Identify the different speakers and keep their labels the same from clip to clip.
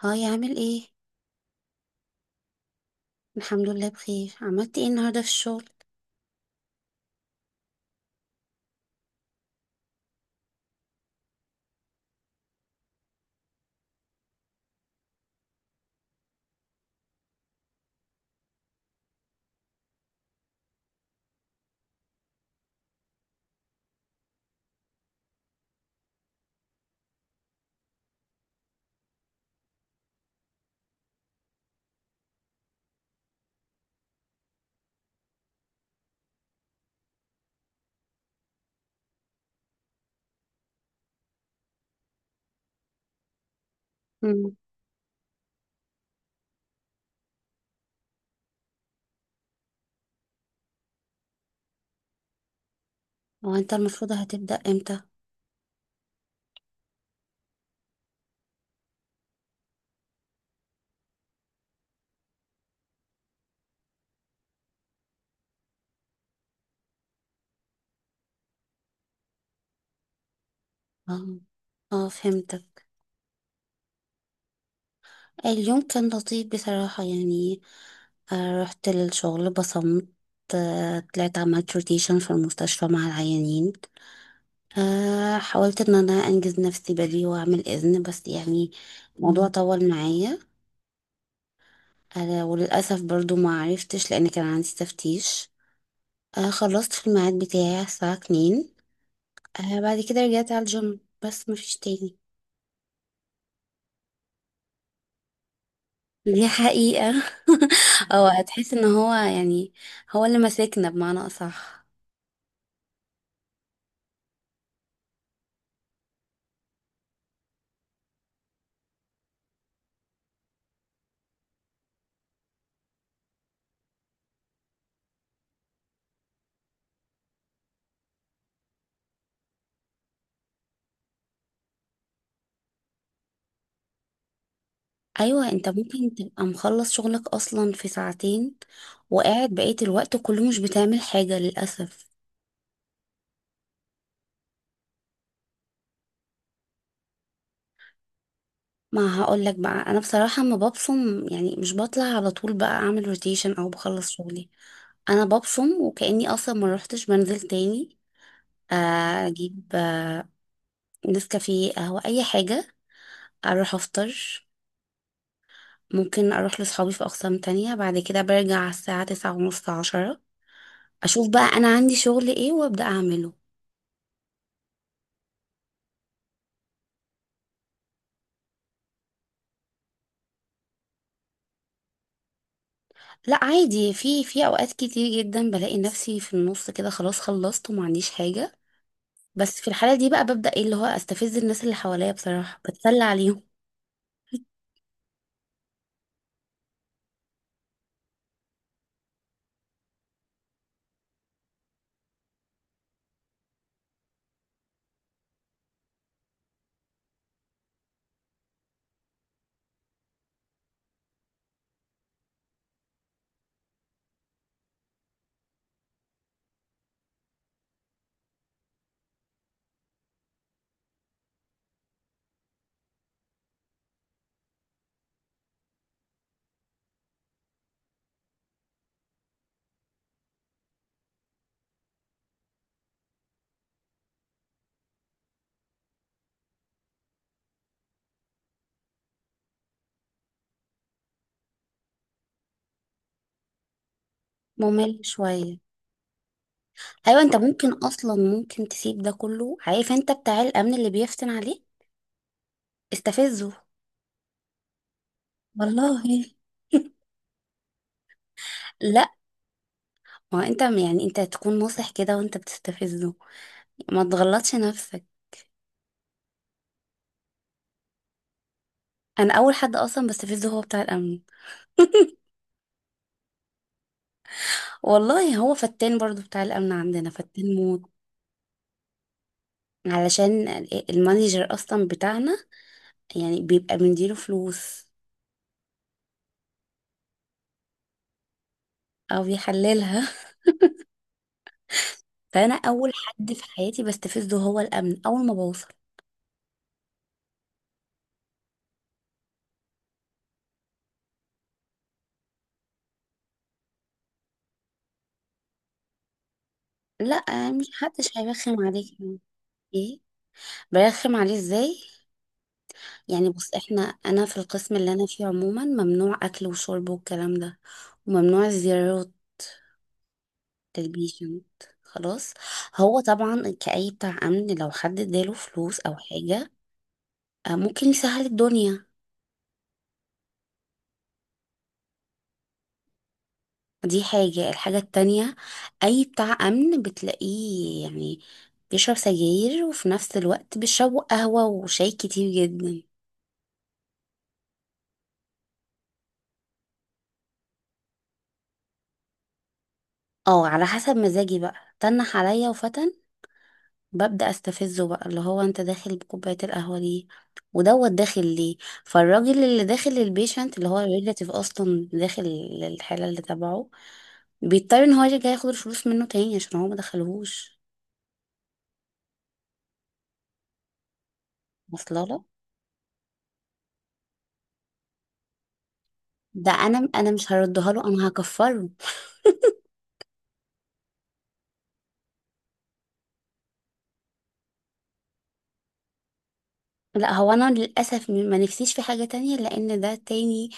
Speaker 1: هاي، عامل ايه؟ الحمد لله، بخير. عملت ايه النهارده في الشغل؟ امم. هو انت المفروض هتبدأ امتى؟ اه، اه، فهمتك. اليوم كان لطيف بصراحة، يعني رحت للشغل، بصمت. طلعت، عملت روتيشن في المستشفى مع العيانين. حاولت ان انا انجز نفسي بدري واعمل اذن، بس يعني الموضوع طول معايا. وللأسف برضو ما عرفتش، لان كان عندي تفتيش. خلصت في الميعاد بتاعي الساعة 2. بعد كده رجعت على الجيم، بس مفيش تاني. دي حقيقة. او هتحس ان هو، يعني هو اللي ماسكنا، بمعنى اصح. ايوه، انت ممكن تبقى مخلص شغلك اصلا في ساعتين، وقاعد بقية الوقت كله مش بتعمل حاجة للأسف. ما هقولك بقى، انا بصراحة ما ببصم، يعني مش بطلع على طول بقى اعمل روتيشن او بخلص شغلي. انا ببصم وكأني اصلا ما روحتش، بنزل تاني. اجيب نسكافيه، قهوة، اي حاجة. اروح افطر. ممكن اروح لصحابي في اقسام تانية، بعد كده برجع على الساعة تسعة ونص، عشرة. اشوف بقى انا عندي شغل ايه، وابدأ اعمله. لا عادي، في اوقات كتير جدا بلاقي نفسي في النص كده، خلاص خلصت وما عنديش حاجة. بس في الحالة دي بقى ببدأ ايه اللي هو، استفز الناس اللي حواليا، بصراحة بتسلى عليهم. ممل شوية. ايوه، انت ممكن اصلا، ممكن تسيب ده كله. عارف انت بتاع الامن اللي بيفتن عليه؟ استفزه. والله. لا، ما هو انت، يعني انت تكون ناصح كده وانت بتستفزه. ما تغلطش نفسك. انا اول حد اصلا بستفزه هو بتاع الامن. والله هو فتان، برضو بتاع الامن عندنا فتان موت. علشان المانجر اصلا بتاعنا، يعني بيبقى بنديله فلوس، او بيحللها. فانا اول حد في حياتي بستفزه هو الامن، اول ما بوصل. لا، مش حدش هيرخم عليك يعني. ايه؟ برخم عليه ازاي؟ يعني بص، انا في القسم اللي انا فيه عموما ممنوع اكل وشرب والكلام ده. وممنوع الزيارات، البيشنت، خلاص. هو طبعا، كأي بتاع أمن، لو حد اداله فلوس أو حاجة ممكن يسهل الدنيا. دي حاجة الحاجة التانية: أي بتاع أمن بتلاقيه يعني بيشرب سجاير، وفي نفس الوقت بيشربوا قهوة وشاي كتير جدا. اه، على حسب مزاجي بقى. تنح عليا وفتن، ببدأ استفزه بقى، اللي هو: انت داخل بكوباية القهوة ليه؟ ودوت داخل ليه؟ فالراجل اللي داخل البيشنت، اللي هو الريلاتيف، اصلا داخل الحالة اللي تبعه، بيضطر ان هو يرجع ياخد الفلوس منه تاني عشان هو ما دخلهوش. واصله لك؟ ده انا مش هردها له، انا هكفره. لا، هو انا للاسف ما نفسيش في حاجه تانية، لان ده تاني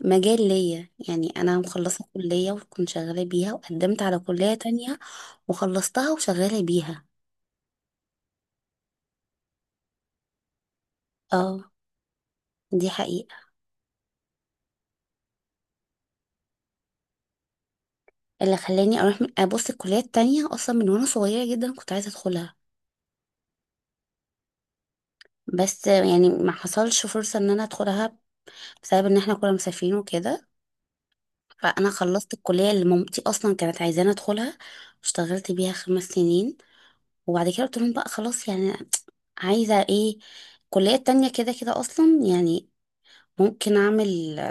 Speaker 1: مجال ليا. يعني انا مخلصه كليه وكنت شغاله بيها، وقدمت على كليه تانية وخلصتها وشغاله بيها. اه، دي حقيقه. اللي خلاني اروح ابص، الكليه التانية اصلا من وانا صغيره جدا كنت عايزه ادخلها، بس يعني ما حصلش فرصه ان انا ادخلها، بسبب ان احنا كنا مسافرين وكده. فانا خلصت الكليه اللي مامتي اصلا كانت عايزاني ادخلها، واشتغلت بيها 5 سنين. وبعد كده قلت لهم بقى، خلاص يعني عايزه ايه، الكليه التانية كده كده اصلا، يعني ممكن اعمل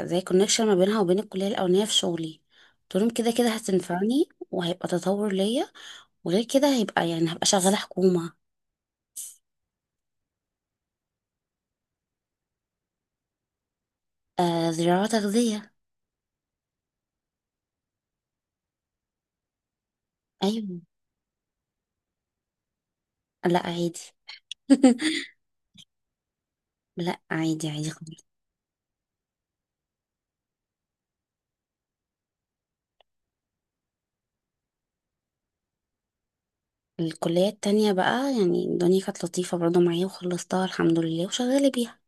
Speaker 1: زي كونكشن ما بينها وبين الكليه الاولانيه في شغلي. قلت لهم، كده كده هتنفعني وهيبقى تطور ليا، وغير كده هيبقى، يعني هبقى شغاله حكومه. زراعه تغذيه. ايوه. لا عادي. لا، عادي عادي. الكلية التانية بقى، يعني الدنيا كانت لطيفة برضو معايا، وخلصتها الحمد لله وشغالة بيها.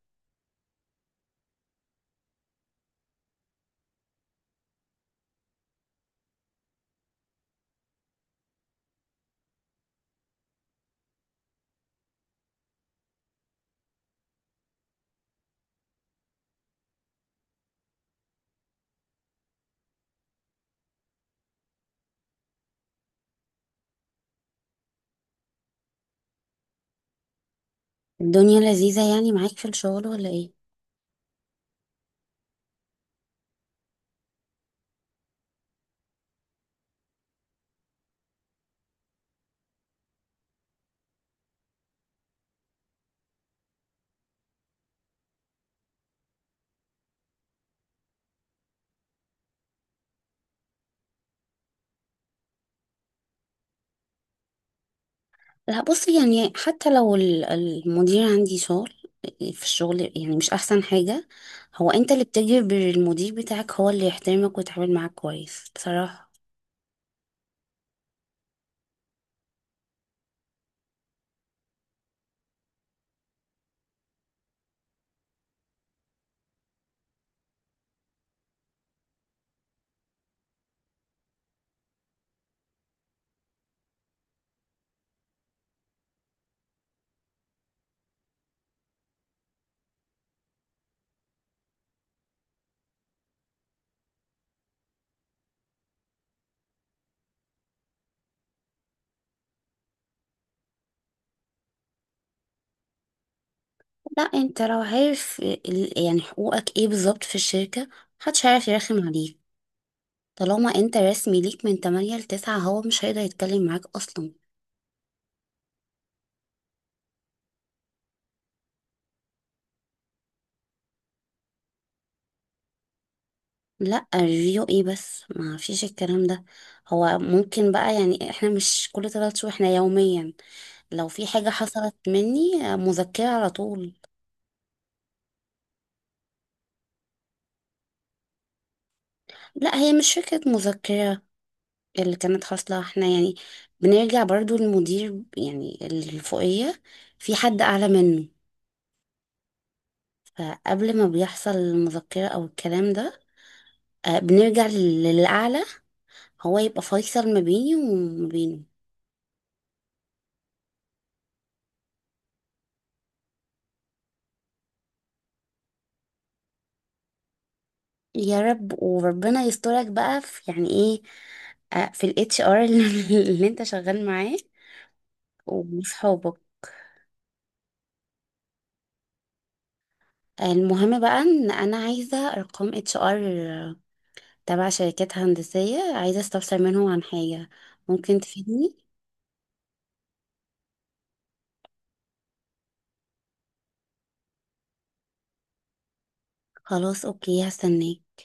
Speaker 1: الدنيا لذيذة يعني معاك في الشغل، ولا ايه؟ لا بصي، يعني حتى لو المدير عندي شغل في الشغل، يعني مش أحسن حاجة. هو انت اللي بتجبر المدير بتاعك هو اللي يحترمك ويتعامل معاك كويس، بصراحة. لا، انت لو عارف يعني حقوقك ايه بالظبط في الشركة، محدش هيعرف يرخم عليك. طالما انت رسمي ليك من 8 ل 9، هو مش هيقدر يتكلم معاك اصلا. لا ريفيو ايه، بس ما فيش الكلام ده. هو ممكن بقى، يعني احنا مش كل 3 شهور، احنا يوميا. لو في حاجة حصلت مني مذكرة على طول. لا، هي مش فكرة مذكرة. اللي كانت حاصلة، احنا يعني بنرجع برضو للمدير، يعني الفوقية، في حد أعلى منه. فقبل ما بيحصل المذكرة أو الكلام ده، بنرجع للأعلى، هو يبقى فيصل ما بيني وما بينه. يا رب، وربنا يسترك بقى في يعني ايه، في الـHR اللي اللي انت شغال معاه، وصحابك. المهم بقى، ان انا عايزه ارقام HR تبع شركات هندسيه، عايزه استفسر منهم عن حاجه. ممكن تفيدني؟ خلاص، اوكي، هستناك.